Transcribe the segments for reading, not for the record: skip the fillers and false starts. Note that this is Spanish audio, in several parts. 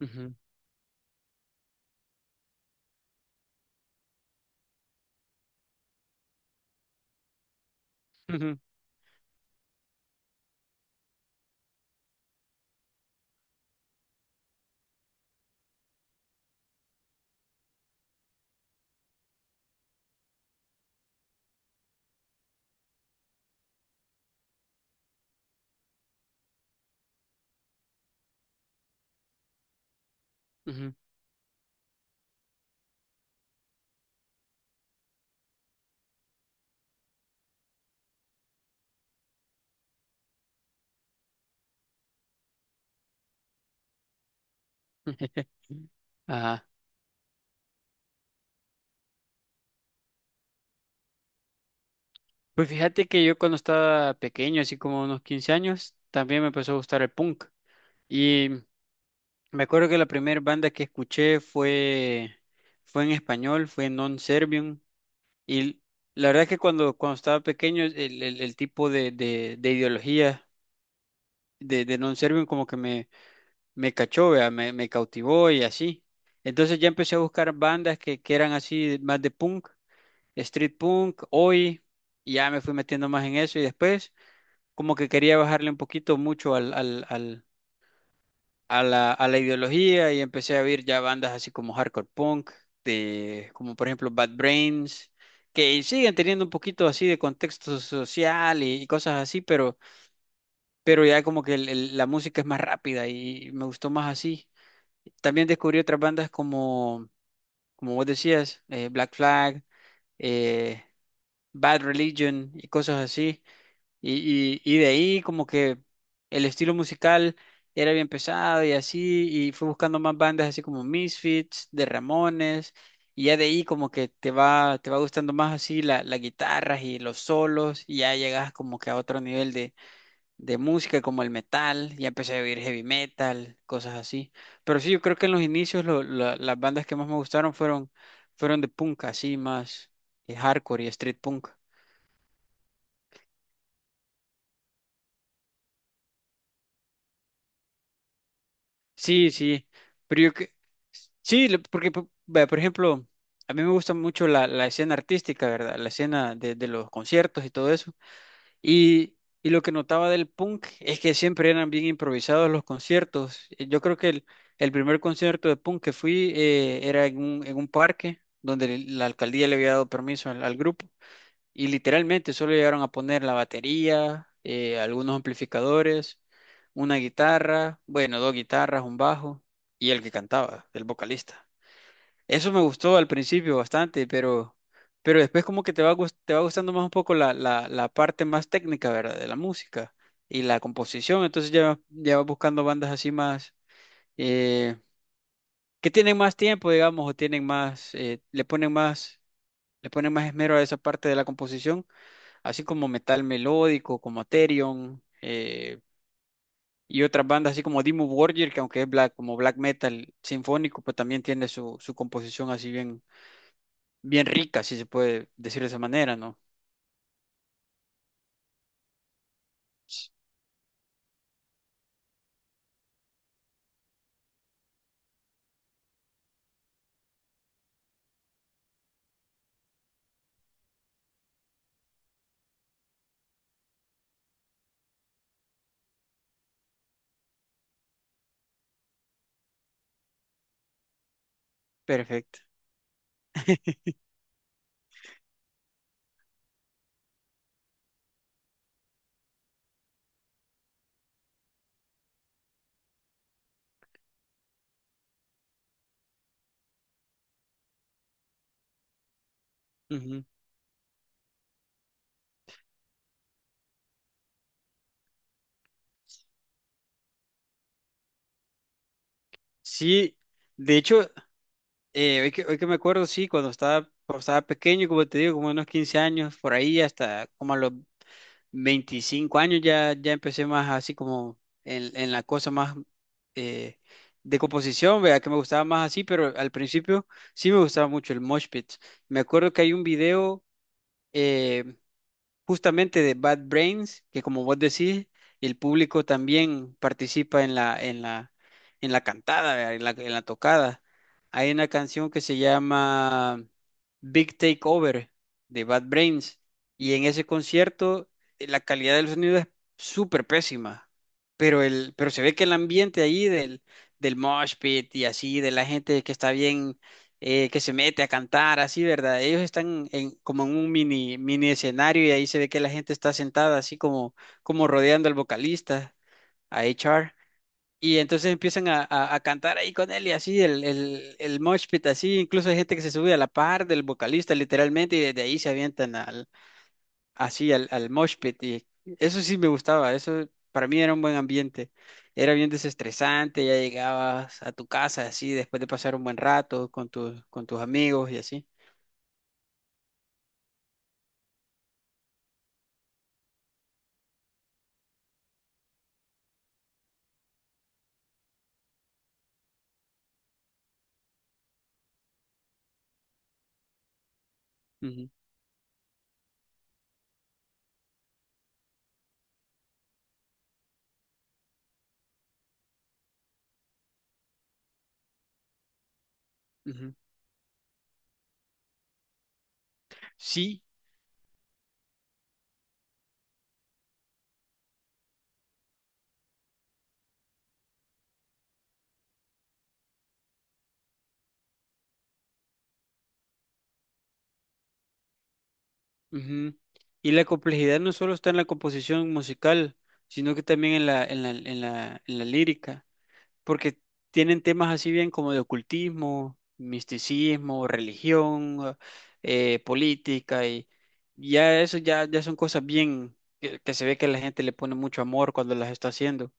Ujú, ujú, ujú. Ajá. Pues fíjate que yo cuando estaba pequeño, así como unos 15 años, también me empezó a gustar el punk. Y me acuerdo que la primera banda que escuché fue en español, fue Non Servium. Y la verdad es que cuando estaba pequeño, el tipo de ideología de Non Servium como que me cachó, vea. Me cautivó y así. Entonces ya empecé a buscar bandas que eran así, más de punk. Street punk, hoy, y ya me fui metiendo más en eso y después como que quería bajarle un poquito mucho a la ideología y empecé a oír ya bandas así como hardcore punk, como por ejemplo Bad Brains, que siguen teniendo un poquito así de contexto social y cosas así, pero ya como que la música es más rápida y me gustó más así. También descubrí otras bandas como, como vos decías, Black Flag, eh, Bad Religion y cosas así. Y de ahí como que el estilo musical era bien pesado y así, y fue buscando más bandas así como Misfits, de Ramones, y ya de ahí como que te va gustando más así las guitarras y los solos, y ya llegas como que a otro nivel de música como el metal, ya empecé a oír heavy metal, cosas así. Pero sí, yo creo que en los inicios las bandas que más me gustaron fueron de punk, así más hardcore y street punk. Sí, sí, pero yo que sí, porque vea, por ejemplo, a mí me gusta mucho la escena artística, ¿verdad? La escena de los conciertos y todo eso. Y, y lo que notaba del punk es que siempre eran bien improvisados los conciertos. Yo creo que el primer concierto de punk que fui era en un parque donde la alcaldía le había dado permiso al grupo. Y literalmente solo llegaron a poner la batería, algunos amplificadores, una guitarra, bueno, dos guitarras, un bajo y el que cantaba, el vocalista. Eso me gustó al principio bastante, pero después como que te va gustando más un poco la parte más técnica, ¿verdad? De la música y la composición. Entonces ya, ya vas buscando bandas así más, eh, que tienen más tiempo, digamos, o tienen más, le ponen más esmero a esa parte de la composición así como metal melódico, como Therion, y otras bandas así como Dimmu Borgir, que aunque es black, como black metal sinfónico, pues también tiene su, su composición así bien, bien rica, si se puede decir de esa manera, ¿no? Perfecto. Ujú. Sí, de hecho, hoy que me acuerdo, sí, cuando estaba pequeño, como te digo, como unos 15 años, por ahí hasta como a los 25 años ya, ya empecé más así como en la cosa más eh, de composición, vea que me gustaba más así, pero al principio sí me gustaba mucho el mosh pit. Me acuerdo que hay un video eh, justamente de Bad Brains, que como vos decís, el público también participa en la cantada, ¿verdad? En la tocada. Hay una canción que se llama Big Takeover de Bad Brains y en ese concierto la calidad del sonido es súper pésima, pero, pero se ve que el ambiente ahí del mosh pit y así, de la gente que está bien que se mete a cantar, así, ¿verdad? Ellos están en, como en un mini, mini escenario y ahí se ve que la gente está sentada así como, como rodeando al vocalista, a HR. Y entonces empiezan a cantar ahí con él y así, el mosh pit así, incluso hay gente que se sube a la par del vocalista literalmente y desde ahí se avientan a, así al mosh pit y eso sí me gustaba, eso para mí era un buen ambiente, era bien desestresante, ya llegabas a tu casa así después de pasar un buen rato con tus amigos y así. Ujú, ujú. Sí, ujú. Y la complejidad no solo está en la composición musical, sino que también en la lírica. Porque tienen temas así bien como de ocultismo, misticismo, religión, política, y ya son cosas bien que se ve que la gente le pone mucho amor cuando las está haciendo.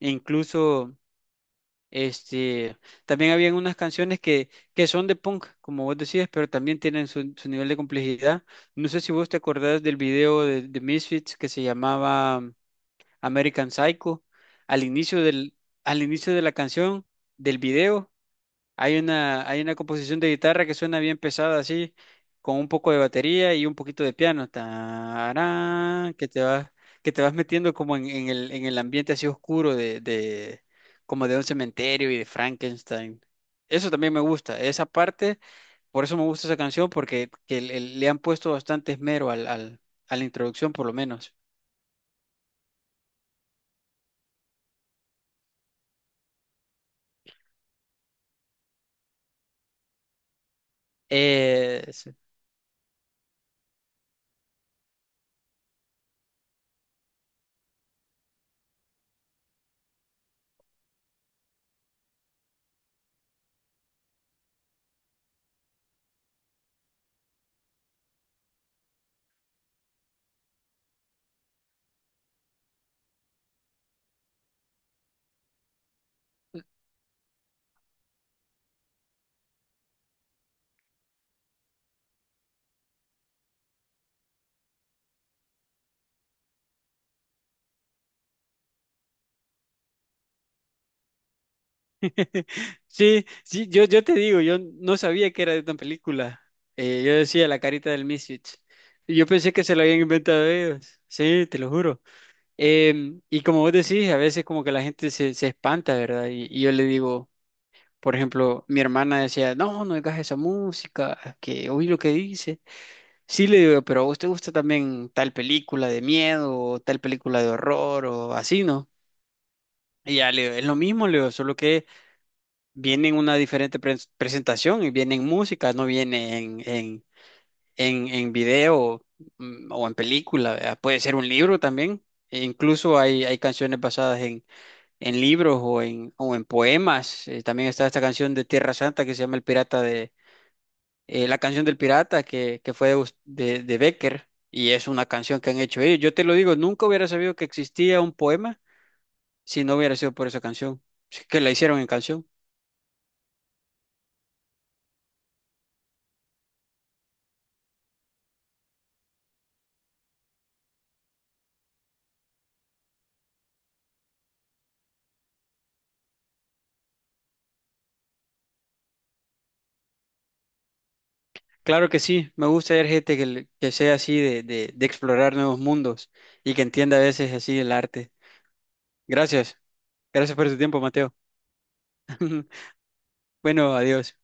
E incluso, este, también habían unas canciones que son de punk, como vos decías, pero también tienen su, su nivel de complejidad. No sé si vos te acordás del video de Misfits que se llamaba... American Psycho. Al inicio del, al inicio de la canción, del video, hay una composición de guitarra que suena bien pesada así, con un poco de batería y un poquito de piano. Tarán, que te vas metiendo como en, en el ambiente así oscuro como de un cementerio y de Frankenstein. Eso también me gusta, esa parte, por eso me gusta esa canción, porque que le le han puesto bastante esmero a la introducción, por lo menos. Eh, Sí, sí, yo te digo, yo no sabía que era de una película. Yo decía la carita del Misfits. Y yo pensé que se lo habían inventado ellos. Sí, te lo juro. Y como vos decís, a veces como que la gente se, se espanta, ¿verdad? Y yo le digo, por ejemplo, mi hermana decía, no, no digas esa música, que oí lo que dice. Sí, le digo, pero a vos te gusta también tal película de miedo o tal película de horror o así, ¿no? Y ya le digo, es lo mismo, le digo, solo que viene en una diferente presentación y viene en música, no viene en video o en película, ¿verdad? Puede ser un libro también. E incluso hay canciones basadas en libros o o en poemas. También está esta canción de Tierra Santa que se llama El Pirata la canción del pirata que fue de Becker y es una canción que han hecho ellos. Yo te lo digo, nunca hubiera sabido que existía un poema si no hubiera sido por esa canción, que la hicieron en canción. Claro que sí, me gusta ver gente que sea así de explorar nuevos mundos y que entienda a veces así el arte. Gracias, gracias por tu tiempo, Mateo. Bueno, adiós.